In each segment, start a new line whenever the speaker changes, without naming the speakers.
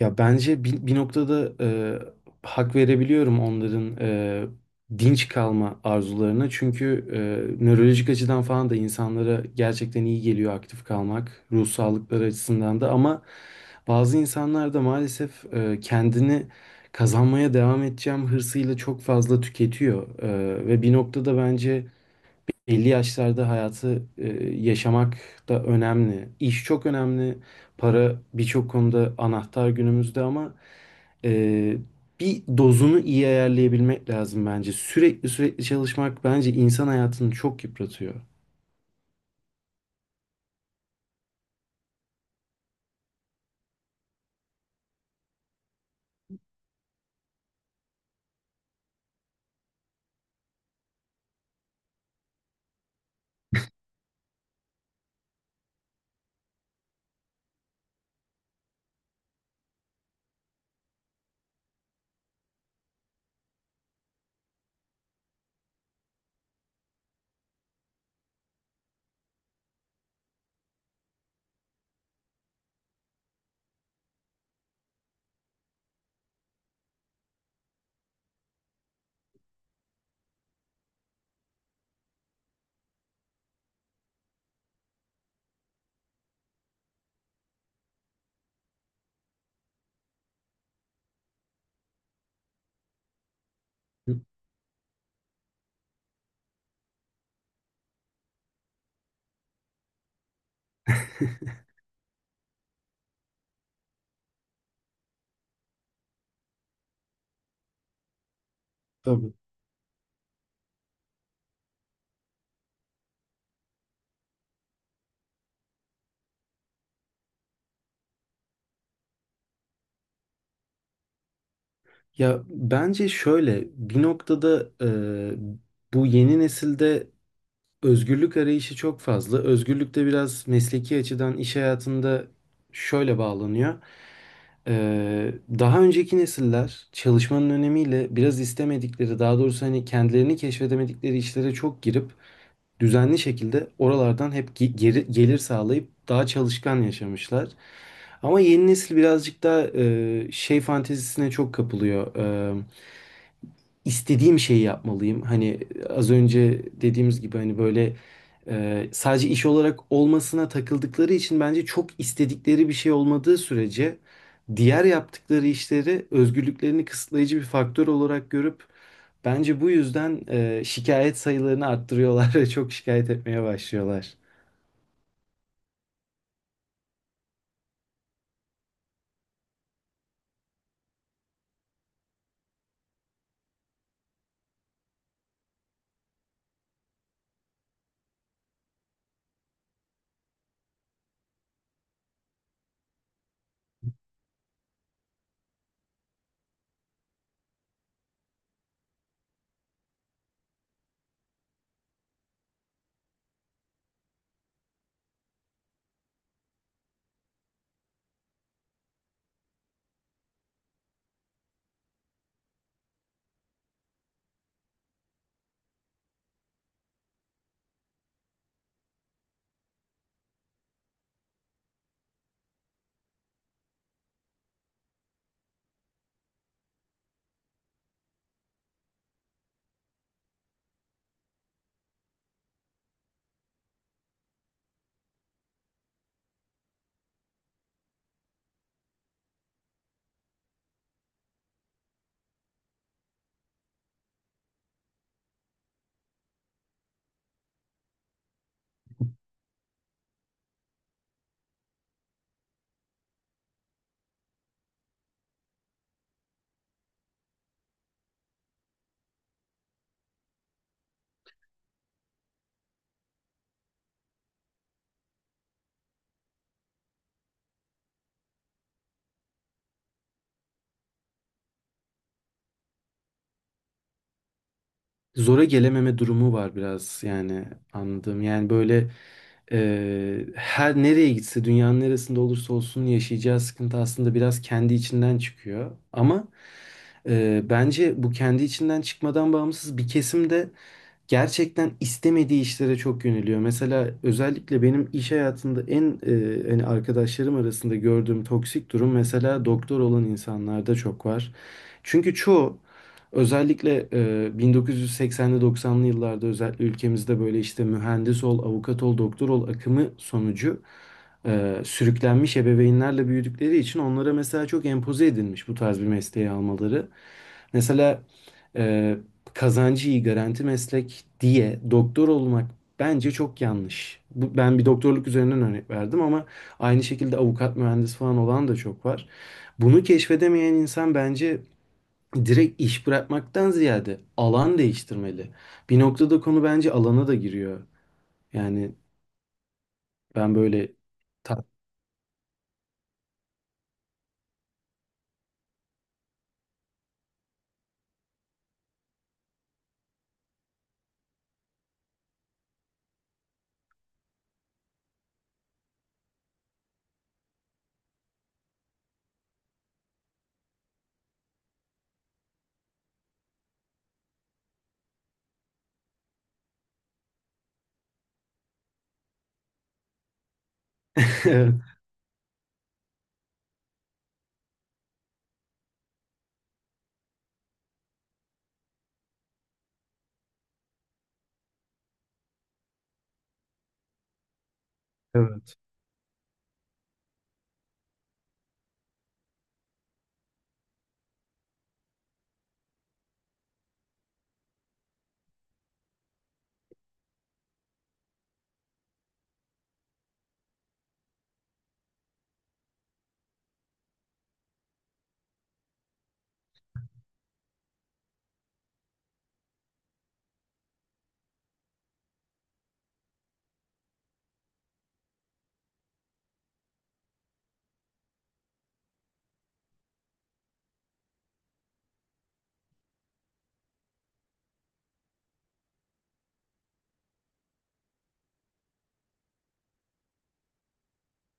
Ya bence bir noktada hak verebiliyorum onların dinç kalma arzularına. Çünkü nörolojik açıdan falan da insanlara gerçekten iyi geliyor aktif kalmak, ruh sağlıkları açısından da. Ama bazı insanlar da maalesef kendini kazanmaya devam edeceğim hırsıyla çok fazla tüketiyor. Ve bir noktada bence 50 yaşlarda hayatı yaşamak da önemli. İş çok önemli. Para birçok konuda anahtar günümüzde ama e, bir dozunu iyi ayarlayabilmek lazım bence. Sürekli sürekli çalışmak bence insan hayatını çok yıpratıyor. Tabii. Ya bence şöyle bir noktada bu yeni nesilde özgürlük arayışı çok fazla. Özgürlük de biraz mesleki açıdan iş hayatında şöyle bağlanıyor. Ee, Daha önceki nesiller çalışmanın önemiyle biraz istemedikleri, daha doğrusu hani kendilerini keşfedemedikleri işlere çok girip düzenli şekilde oralardan hep geri, gelir sağlayıp daha çalışkan yaşamışlar. Ama yeni nesil birazcık daha şey fantezisine çok kapılıyor. Ee, istediğim şeyi yapmalıyım. Hani az önce dediğimiz gibi hani böyle sadece iş olarak olmasına takıldıkları için bence çok istedikleri bir şey olmadığı sürece diğer yaptıkları işleri özgürlüklerini kısıtlayıcı bir faktör olarak görüp bence bu yüzden şikayet sayılarını arttırıyorlar ve çok şikayet etmeye başlıyorlar. Zora gelememe durumu var biraz yani anladığım. Yani böyle her nereye gitse dünyanın neresinde olursa olsun yaşayacağı sıkıntı aslında biraz kendi içinden çıkıyor. Ama bence bu kendi içinden çıkmadan bağımsız bir kesim de gerçekten istemediği işlere çok yöneliyor. Mesela özellikle benim iş hayatında en hani arkadaşlarım arasında gördüğüm toksik durum mesela doktor olan insanlarda çok var. Çünkü çoğu özellikle 1980'li 90'lı yıllarda özellikle ülkemizde böyle işte mühendis ol, avukat ol, doktor ol akımı sonucu sürüklenmiş ebeveynlerle büyüdükleri için onlara mesela çok empoze edilmiş bu tarz bir mesleği almaları. Mesela e, kazancı iyi garanti meslek diye doktor olmak bence çok yanlış. Bu, ben bir doktorluk üzerinden örnek verdim ama aynı şekilde avukat, mühendis falan olan da çok var. Bunu keşfedemeyen insan bence direkt iş bırakmaktan ziyade alan değiştirmeli. Bir noktada konu bence alana da giriyor. Yani ben böyle ta- Evet.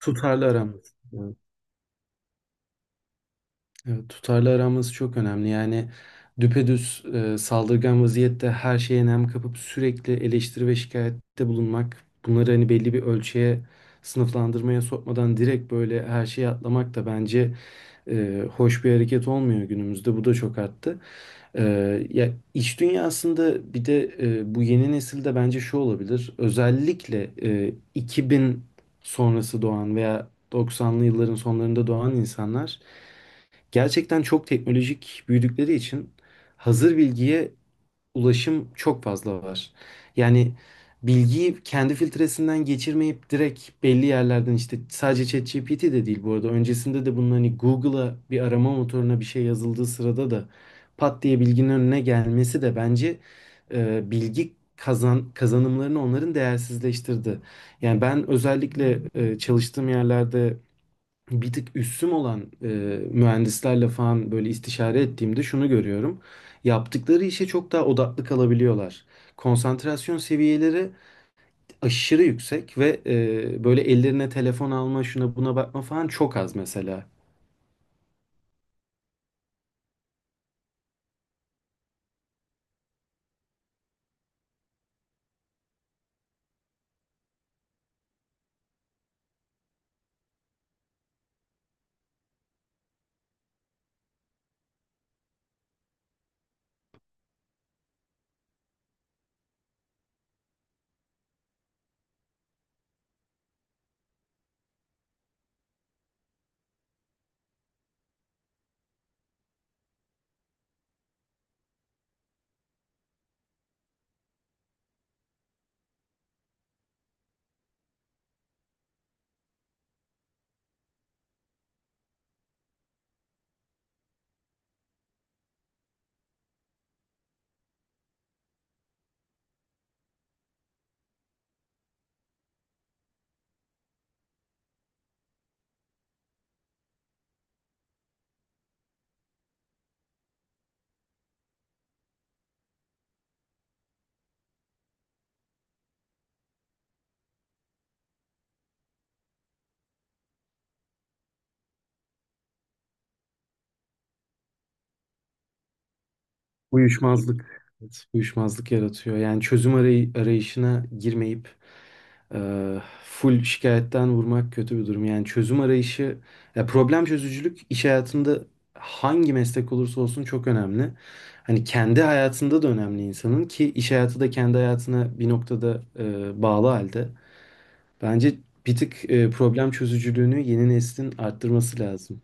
Tutarlı aramız. Evet, tutarlı aramız çok önemli. Yani düpedüz saldırgan vaziyette her şeye nem kapıp sürekli eleştiri ve şikayette bulunmak, bunları hani belli bir ölçüye sınıflandırmaya sokmadan direkt böyle her şeye atlamak da bence hoş bir hareket olmuyor günümüzde. Bu da çok arttı. E, Ya iş dünyasında bir de bu yeni nesilde bence şu olabilir. Özellikle 2000 sonrası doğan veya 90'lı yılların sonlarında doğan insanlar gerçekten çok teknolojik büyüdükleri için hazır bilgiye ulaşım çok fazla var. Yani bilgiyi kendi filtresinden geçirmeyip direkt belli yerlerden işte sadece ChatGPT de değil bu arada öncesinde de bunun hani Google'a bir arama motoruna bir şey yazıldığı sırada da pat diye bilginin önüne gelmesi de bence bilgi kazanımlarını onların değersizleştirdi. Yani ben özellikle çalıştığım yerlerde bir tık üssüm olan mühendislerle falan böyle istişare ettiğimde şunu görüyorum. Yaptıkları işe çok daha odaklı kalabiliyorlar. Konsantrasyon seviyeleri aşırı yüksek ve böyle ellerine telefon alma, şuna buna bakma falan çok az mesela. Uyuşmazlık, evet, uyuşmazlık yaratıyor. Yani çözüm arayışına girmeyip full şikayetten vurmak kötü bir durum. Yani çözüm arayışı, ya problem çözücülük iş hayatında hangi meslek olursa olsun çok önemli. Hani kendi hayatında da önemli insanın ki iş hayatı da kendi hayatına bir noktada bağlı halde. Bence bir tık problem çözücülüğünü yeni neslin arttırması lazım.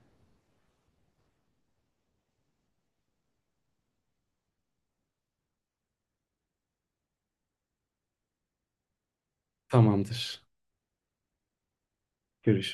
Tamamdır. Görüşürüz.